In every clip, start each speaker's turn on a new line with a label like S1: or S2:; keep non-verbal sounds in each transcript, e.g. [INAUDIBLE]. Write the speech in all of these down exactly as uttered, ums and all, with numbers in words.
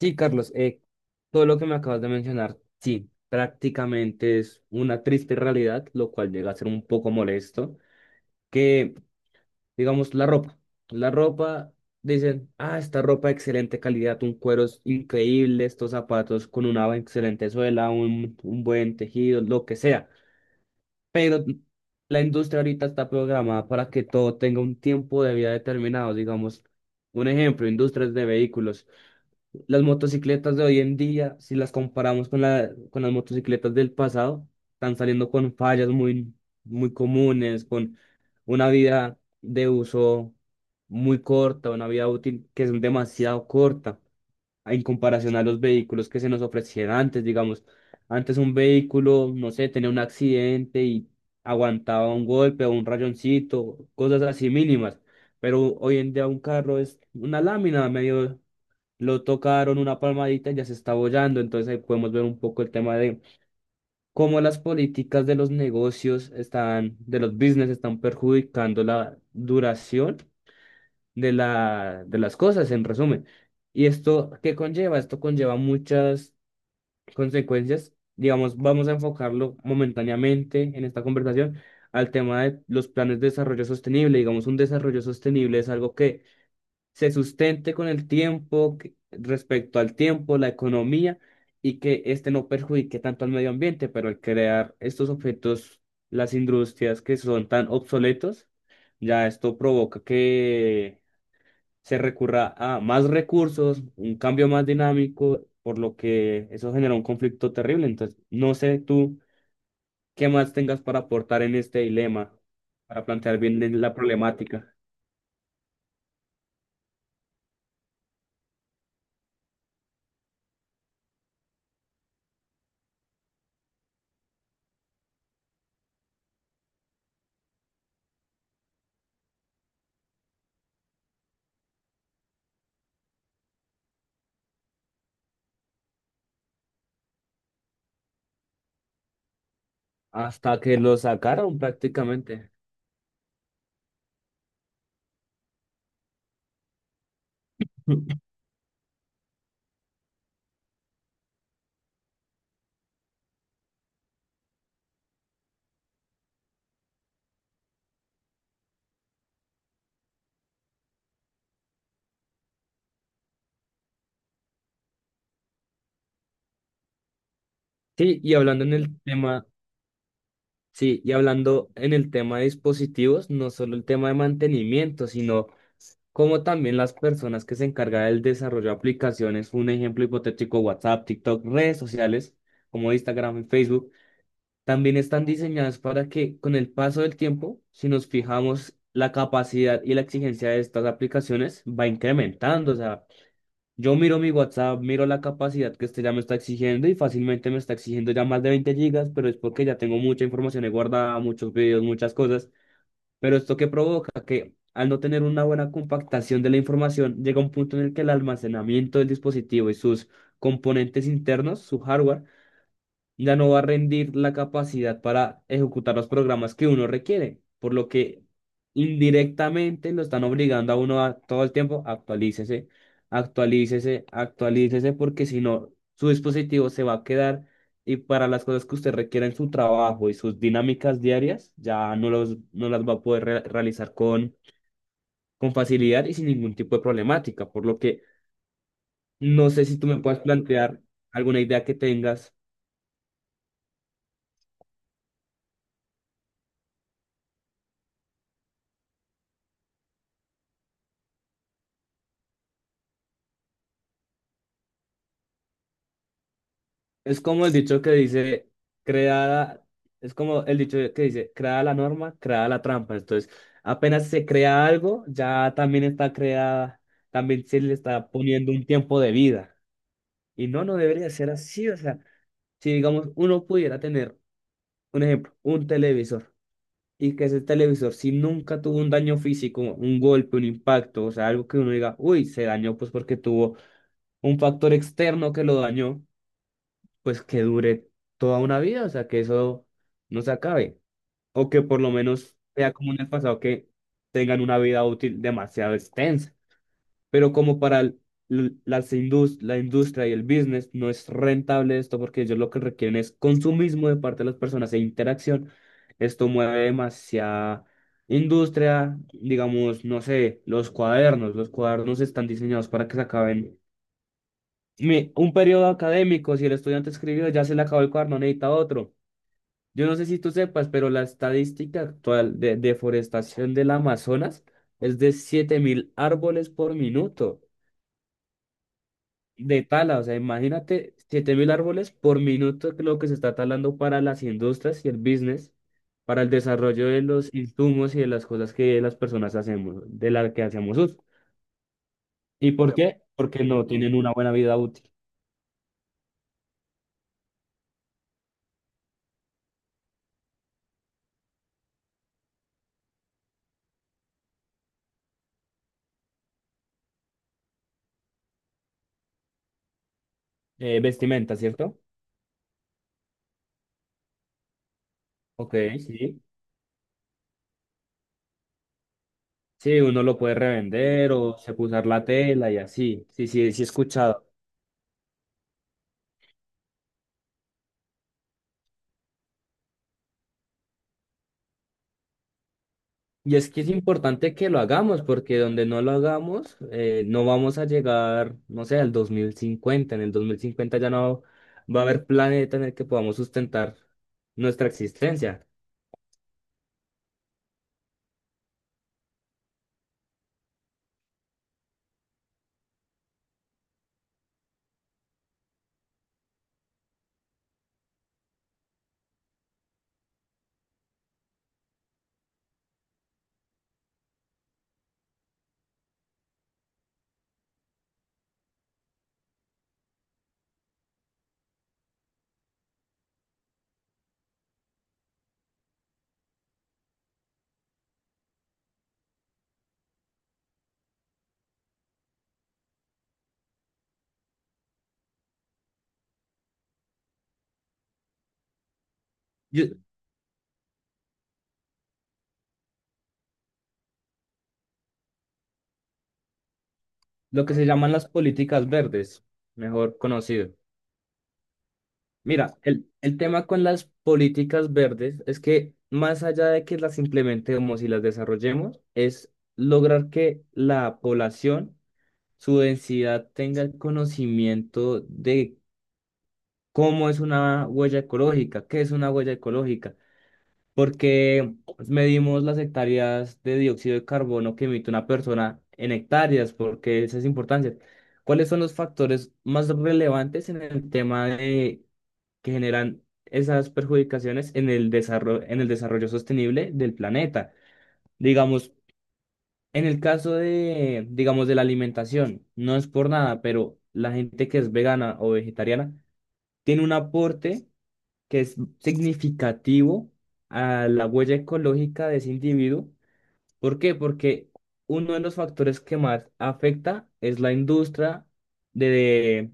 S1: Sí, Carlos, eh, todo lo que me acabas de mencionar, sí, prácticamente es una triste realidad, lo cual llega a ser un poco molesto, que, digamos, la ropa, la ropa, dicen, ah, esta ropa de excelente calidad, un cuero es increíble, estos zapatos con una excelente suela, un, un buen tejido, lo que sea, pero la industria ahorita está programada para que todo tenga un tiempo de vida determinado, digamos, un ejemplo, industrias de vehículos. Las motocicletas de hoy en día, si las comparamos con la, con las motocicletas del pasado, están saliendo con fallas muy, muy comunes, con una vida de uso muy corta, una vida útil que es demasiado corta en comparación a los vehículos que se nos ofrecían antes, digamos. Antes un vehículo, no sé, tenía un accidente y aguantaba un golpe o un rayoncito, cosas así mínimas. Pero hoy en día un carro es una lámina medio, lo tocaron una palmadita y ya se está bollando. Entonces ahí podemos ver un poco el tema de cómo las políticas de los negocios están, de los business están perjudicando la duración de la, de las cosas, en resumen. ¿Y esto qué conlleva? Esto conlleva muchas consecuencias. Digamos, vamos a enfocarlo momentáneamente en esta conversación al tema de los planes de desarrollo sostenible. Digamos, un desarrollo sostenible es algo que se sustente con el tiempo, que- respecto al tiempo, la economía, y que este no perjudique tanto al medio ambiente, pero al crear estos objetos, las industrias que son tan obsoletos, ya esto provoca que se recurra a más recursos, un cambio más dinámico, por lo que eso genera un conflicto terrible. Entonces, no sé tú qué más tengas para aportar en este dilema, para plantear bien la problemática, hasta que lo sacaron prácticamente. [LAUGHS] Sí, y hablando en sí. el tema, sí, y hablando en el tema de dispositivos, no solo el tema de mantenimiento, sino como también las personas que se encargan del desarrollo de aplicaciones, un ejemplo hipotético, WhatsApp, TikTok, redes sociales como Instagram y Facebook, también están diseñadas para que con el paso del tiempo, si nos fijamos, la capacidad y la exigencia de estas aplicaciones va incrementando. O sea, yo miro mi WhatsApp, miro la capacidad que este ya me está exigiendo y fácilmente me está exigiendo ya más de 20 gigas, pero es porque ya tengo mucha información ahí guardada, muchos videos, muchas cosas. Pero esto que provoca que al no tener una buena compactación de la información, llega un punto en el que el almacenamiento del dispositivo y sus componentes internos, su hardware, ya no va a rendir la capacidad para ejecutar los programas que uno requiere, por lo que indirectamente lo están obligando a uno a todo el tiempo actualícese, actualícese, actualícese, porque si no, su dispositivo se va a quedar y para las cosas que usted requiera en su trabajo y sus dinámicas diarias, ya no, los, no las va a poder re- realizar con, con facilidad y sin ningún tipo de problemática, por lo que no sé si tú me puedes plantear alguna idea que tengas. Es como el dicho que dice, creada, es como el dicho que dice, creada la norma, creada la trampa. Entonces, apenas se crea algo, ya también está creada, también se le está poniendo un tiempo de vida. Y no, no debería ser así. O sea, si digamos, uno pudiera tener, un ejemplo, un televisor, y que ese televisor, si nunca tuvo un daño físico, un golpe, un impacto, o sea, algo que uno diga, uy, se dañó pues porque tuvo un factor externo que lo dañó, pues que dure toda una vida, o sea, que eso no se acabe, o que por lo menos sea como en el pasado, que tengan una vida útil demasiado extensa, pero como para el- l- las indus- la industria y el business no es rentable esto porque ellos lo que requieren es consumismo de parte de las personas e interacción, esto mueve demasiada industria, digamos, no sé, los cuadernos, los cuadernos están diseñados para que se acaben mi- un periodo académico, si el estudiante escribió, ya se le acabó el cuaderno, necesita otro. Yo no sé si tú sepas, pero la estadística actual de deforestación del Amazonas es de siete mil árboles por minuto de tala. O sea, imagínate siete mil árboles por minuto que lo que se está talando para las industrias y el business, para el desarrollo de los insumos y de las cosas que las personas hacemos, de las que hacemos uso. ¿Y por, claro, qué? Porque no tienen una buena vida útil. Eh, vestimenta, ¿cierto? Ok, sí. Sí, uno lo puede revender o se puede usar la tela y así. Sí, sí, sí he escuchado. Y es que es importante que lo hagamos porque donde no lo hagamos, eh, no vamos a llegar, no sé, al dos mil cincuenta. En el dos mil cincuenta ya no va a haber planeta en el que podamos sustentar nuestra existencia. Yo- lo que se llaman las políticas verdes, mejor conocido. Mira, el, el tema con las políticas verdes es que más allá de que las implementemos y las desarrollemos, es lograr que la población, su densidad, tenga el conocimiento de cómo es una huella ecológica, qué es una huella ecológica, porque medimos las hectáreas de dióxido de carbono que emite una persona en hectáreas, porque esa es importancia. ¿Cuáles son los factores más relevantes en el tema de que generan esas perjudicaciones en el desarrollo, en el desarrollo sostenible del planeta? Digamos, en el caso de, digamos, de la alimentación, no es por nada, pero la gente que es vegana o vegetariana tiene un aporte que es significativo a la huella ecológica de ese individuo. ¿Por qué? Porque uno de los factores que más afecta es la industria de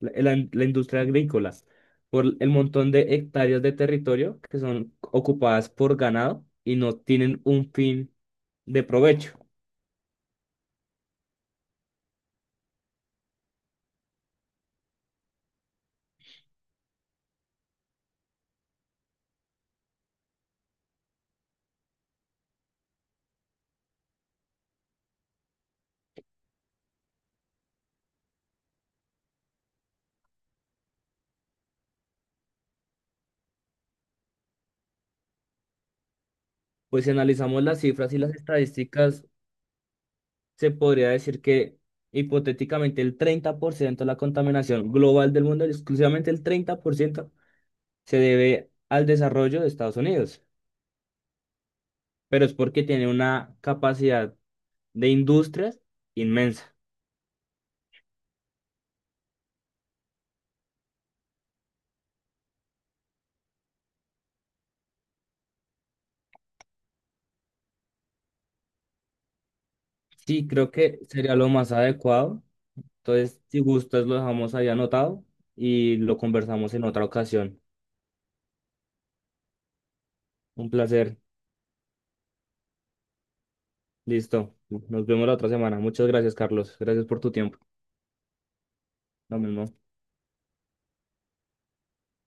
S1: la, la- la industria agrícola, por el montón de hectáreas de territorio que son ocupadas por ganado y no tienen un fin de provecho. Pues si analizamos las cifras y las estadísticas, se podría decir que hipotéticamente el treinta por ciento de la contaminación global del mundo, exclusivamente el treinta por ciento se debe al desarrollo de Estados Unidos, pero es porque tiene una capacidad de industrias inmensa. Sí, creo que sería lo más adecuado. Entonces, si gustas, lo dejamos ahí anotado y lo conversamos en otra ocasión. Un placer. Listo. Nos vemos la otra semana. Muchas gracias, Carlos. Gracias por tu tiempo. Lo mismo.